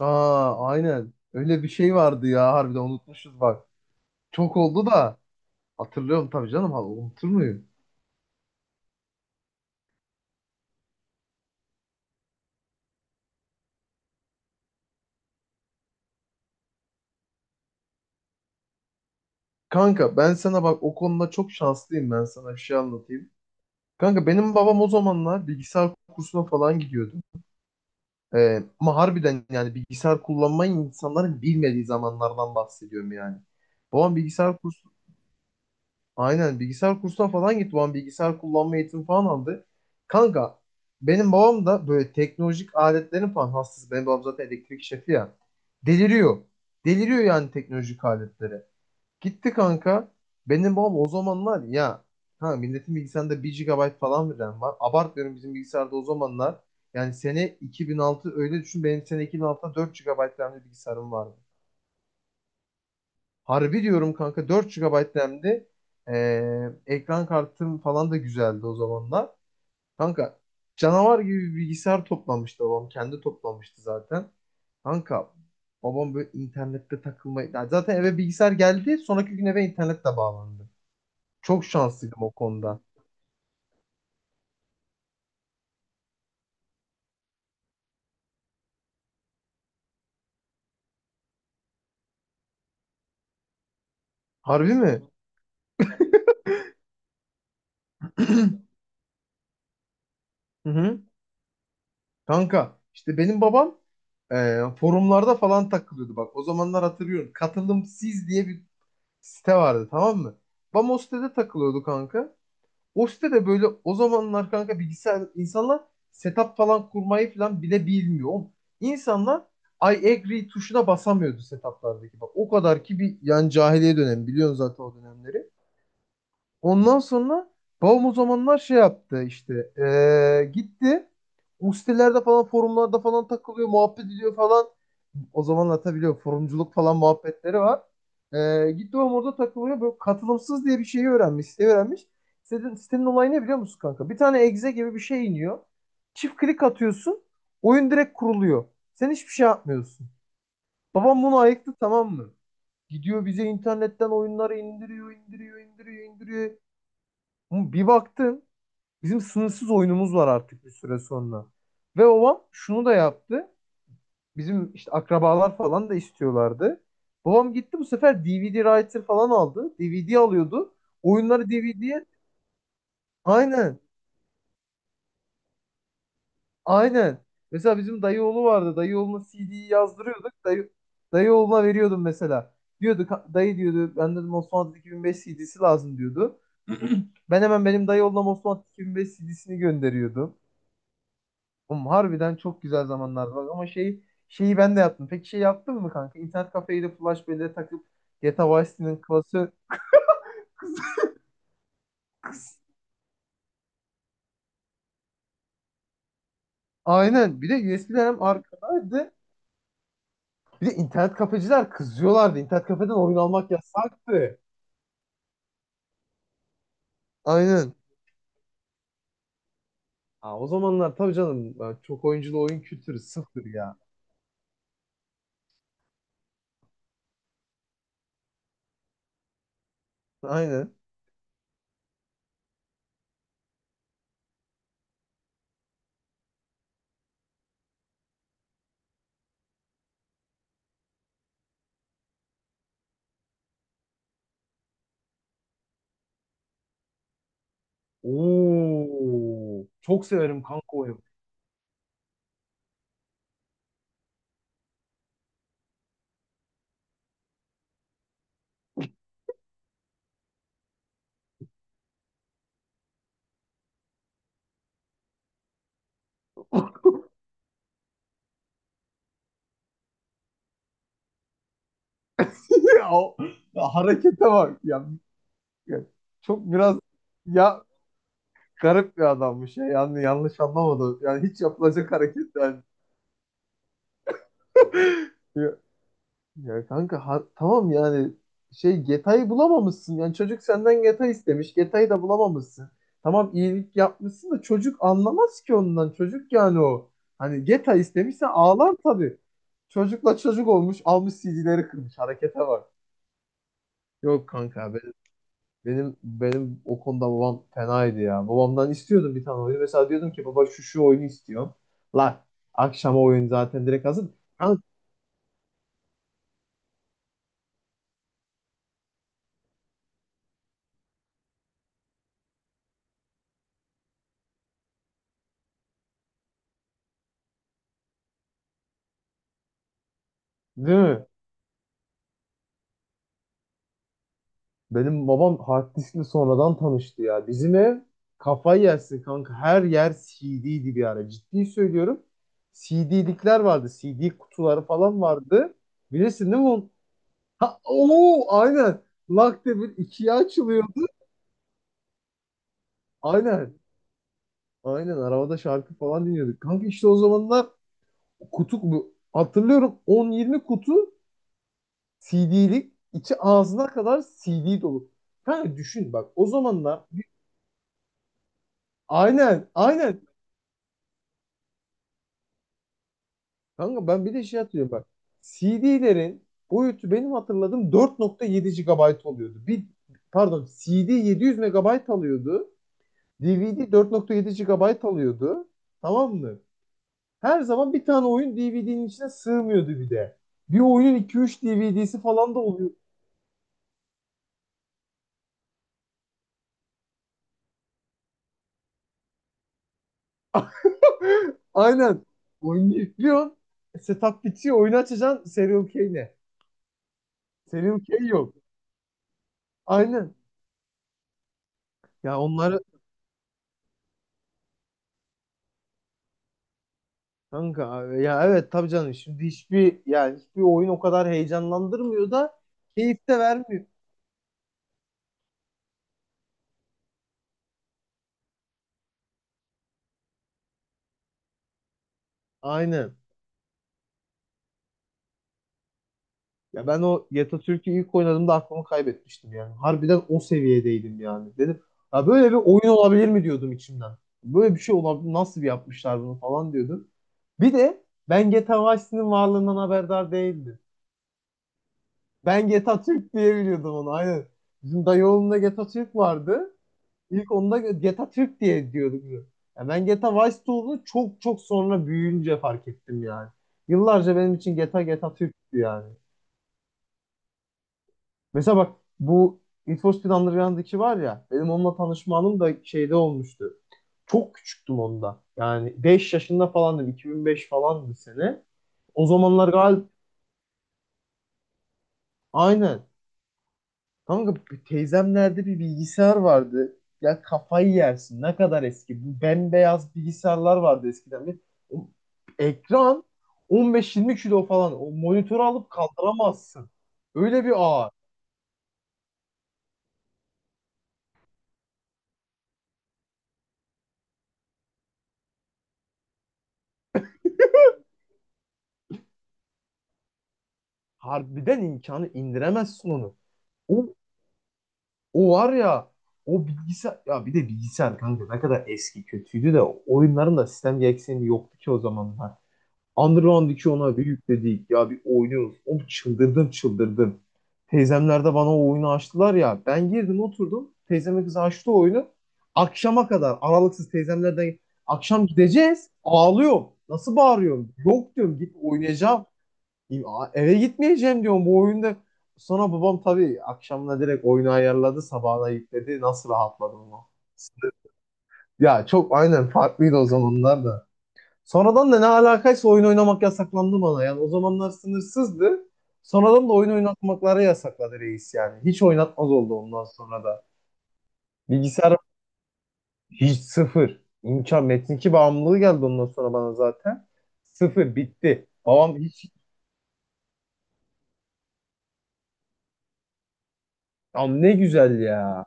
Aa, aynen. Öyle bir şey vardı ya harbiden unutmuşuz bak. Çok oldu da hatırlıyorum tabii canım, ha unutur muyum? Kanka ben sana bak o konuda çok şanslıyım, ben sana bir şey anlatayım. Kanka benim babam o zamanlar bilgisayar kursuna falan gidiyordu. Ama harbiden yani bilgisayar kullanmayı insanların bilmediği zamanlardan bahsediyorum yani. Babam bilgisayar kursu Aynen bilgisayar kursuna falan gitti. Babam bilgisayar kullanma eğitimi falan aldı. Kanka benim babam da böyle teknolojik aletlerin falan hastası. Benim babam zaten elektrik şefi ya. Deliriyor. Deliriyor yani teknolojik aletlere. Gitti kanka. Benim babam o zamanlar ya, ha milletin bilgisayarında bir gigabayt falan bir RAM var. Abartmıyorum bizim bilgisayarda o zamanlar. Yani sene 2006, öyle düşün. Benim sene 2006'da 4 GB RAM'li bilgisayarım vardı. Harbi diyorum kanka, 4 GB RAM'di. Ekran kartım falan da güzeldi o zamanlar. Kanka canavar gibi bir bilgisayar toplamıştı babam. Kendi toplamıştı zaten. Kanka babam böyle internette takılmayı... Ya zaten eve bilgisayar geldi. Sonraki gün eve internetle bağlandı. Çok şanslıydım o konuda. Harbi mi? Hı hı. Kanka işte benim babam forumlarda falan takılıyordu bak. O zamanlar hatırlıyorum. Katılımsız diye bir site vardı, tamam mı? Bam o sitede takılıyordu kanka. O sitede böyle o zamanlar kanka bilgisayar insanlar setup falan kurmayı falan bile bilmiyor. Oğlum, İnsanlar I agree tuşuna basamıyordu setuplardaki. Bak o kadar ki bir yani, cahiliye dönemi biliyorsun zaten o dönemleri. Ondan sonra babam o zamanlar şey yaptı işte, gitti o sitelerde falan forumlarda falan takılıyor, muhabbet ediyor falan. O zamanlar tabii biliyorum forumculuk falan muhabbetleri var. Gitti babam orada takılıyor böyle, katılımsız diye bir şeyi öğrenmiş, siteyi öğrenmiş. Sitenin olayı ne biliyor musun kanka? Bir tane exe gibi bir şey iniyor. Çift klik atıyorsun, oyun direkt kuruluyor. Sen hiçbir şey yapmıyorsun. Babam bunu ayıktı, tamam mı? Gidiyor bize internetten oyunları indiriyor, indiriyor, indiriyor, indiriyor. Ama bir baktın bizim sınırsız oyunumuz var artık bir süre sonra. Ve babam şunu da yaptı. Bizim işte akrabalar falan da istiyorlardı. Babam gitti bu sefer DVD writer falan aldı. DVD alıyordu. Oyunları DVD'ye, aynen aynen. Mesela bizim dayı oğlu vardı. Dayı oğluna CD'yi yazdırıyorduk. Dayı oğluna veriyordum mesela. Diyordu dayı, diyordu ben dedim Osmanlı 2005 CD'si lazım diyordu. Ben hemen benim dayı oğluna Osmanlı 2005 CD'sini gönderiyordum. Oğlum harbiden çok güzel zamanlardı bak, ama şeyi ben de yaptım. Peki şey yaptın mı kanka? İnternet kafeye de flash belleğe takıp GTA Vice City'nin klası. Aynen. Bir de USB'ler hem arkadaydı. Bir de internet kafeciler kızıyorlardı. İnternet kafeden oyun almak yasaktı. Aynen. Aa, o zamanlar tabii canım ben çok oyunculu oyun kültürü sıfır ya. Aynen. Oo, çok severim kanka oyunu. ya, o- Ya harekete bak ya. Ya Çok biraz ya Garip bir adammış ya. Yani yanlış anlamadım. Yani hiç yapılacak hareket yani. Ya, ya kanka, tamam yani, şey Geta'yı bulamamışsın. Yani çocuk senden Geta istemiş. Geta'yı da bulamamışsın. Tamam iyilik yapmışsın da çocuk anlamaz ki ondan. Çocuk yani o. Hani Geta istemişse ağlar tabii. Çocukla çocuk olmuş almış CD'leri kırmış. Harekete bak. Yok kanka abi. Benim o konuda babam fenaydı ya. Babamdan istiyordum bir tane oyunu. Mesela diyordum ki baba şu şu oyunu istiyorum. Lan akşama oyun zaten direkt hazır. Lan, değil mi? Benim babam hard diskle sonradan tanıştı ya. Bizim ev, kafayı yersin kanka. Her yer CD'ydi bir ara. Ciddi söylüyorum. CD'likler vardı. CD kutuları falan vardı. Bilirsin değil mi onu? Ha, oo, aynen. Lak bir ikiye açılıyordu. Aynen. Aynen arabada şarkı falan dinliyorduk. Kanka işte o zamanlar kutu bu. Hatırlıyorum 10-20 kutu CD'lik içi ağzına kadar CD dolu. Kanka düşün bak o zamanlar, aynen aynen kanka, ben bir de şey hatırlıyorum bak CD'lerin boyutu benim hatırladığım 4.7 GB oluyordu. Bir, pardon, CD 700 MB alıyordu. DVD 4.7 GB alıyordu. Tamam mı? Her zaman bir tane oyun DVD'nin içine sığmıyordu bir de. Bir oyunun 2-3 DVD'si falan da oluyor. Aynen. Oyunu yüklüyorsun. Setup bitiyor. Oyunu açacaksın, Serial K'yle. Serial K yok. Aynen. Ya onları kanka abi, ya evet tabii canım, şimdi hiçbir yani hiçbir oyun o kadar heyecanlandırmıyor da keyif de vermiyor. Aynen. Ya ben o Türk'ü ilk oynadığımda aklımı kaybetmiştim yani. Harbiden o seviyedeydim yani. Dedim, ya böyle bir oyun olabilir mi diyordum içimden. Böyle bir şey olabilir, nasıl bir yapmışlar bunu falan diyordum. Bir de ben GTA Vice City'nin varlığından haberdar değildim. Ben Geta Türk diye biliyordum onu aynen. Bizim dayı oğlunda GTA Türk vardı. İlk onda Geta Türk diye diyorduk biz. Ya ben Geta Vice olduğunu çok çok sonra büyüyünce fark ettim yani. Yıllarca benim için Geta Türk'tü yani. Mesela bak bu Need for Speed Underground'daki var ya, benim onunla tanışma anım da şeyde olmuştu. Çok küçüktüm onda. Yani 5 yaşında falandım. 2005 falandı sene. O zamanlar galiba, aynen. Kanka bir teyzemlerde bir bilgisayar vardı. Ya kafayı yersin. Ne kadar eski. Bu bembeyaz bilgisayarlar vardı eskiden. O ekran 15-20 kilo falan. O monitörü alıp kaldıramazsın. Öyle bir ağır. Harbiden imkanı indiremezsin onu. O, o var ya o bilgisayar, ya bir de bilgisayar kanka ne kadar eski kötüydü de oyunların da sistem gereksinimi yoktu ki o zamanlar. Underground 2 ona bir yükledik. Ya bir oynuyoruz. Oğlum çıldırdım çıldırdım. Teyzemler de bana o oyunu açtılar ya. Ben girdim oturdum. Teyzeme kız açtı o oyunu. Akşama kadar aralıksız teyzemlerden akşam gideceğiz. Ağlıyorum. Nasıl bağırıyorum? Yok diyorum git oynayacağım. Ya, eve gitmeyeceğim diyorum bu oyunda. Sonra babam tabii akşamına direkt oyunu ayarladı. Sabahına yükledi. Nasıl rahatladım o! Ya çok aynen farklıydı o zamanlar da. Sonradan da ne alakaysa oyun oynamak yasaklandı bana. Yani o zamanlar sınırsızdı. Sonradan da oyun oynatmakları yasakladı reis yani. Hiç oynatmaz oldu ondan sonra da. Bilgisayar hiç, sıfır. İmkan metin bağımlılığı geldi ondan sonra bana zaten. Sıfır, bitti. Babam hiç. Am ne güzel ya.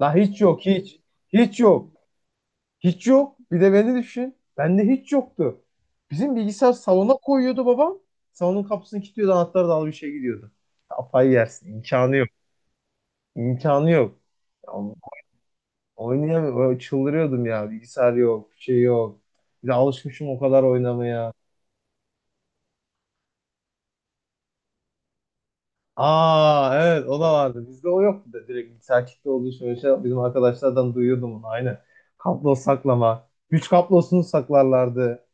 La hiç yok hiç. Hiç yok. Hiç yok. Bir de beni düşün. Bende hiç yoktu. Bizim bilgisayar salona koyuyordu babam. Salonun kapısını kilitliyordu. Anahtarı da al bir şey gidiyordu. Kafayı yersin. İmkanı yok. İmkanı yok. Ya, oynayamıyorum. Çıldırıyordum ya. Bilgisayar yok. Bir şey yok. Bir de alışmışım o kadar oynamaya. Aa evet, o da vardı. Bizde o yoktu da direkt bilgisayar kitle olduğu için öyle şey, bizim arkadaşlardan duyuyordum onu aynen. Kablo saklama. Güç kablosunu saklarlardı.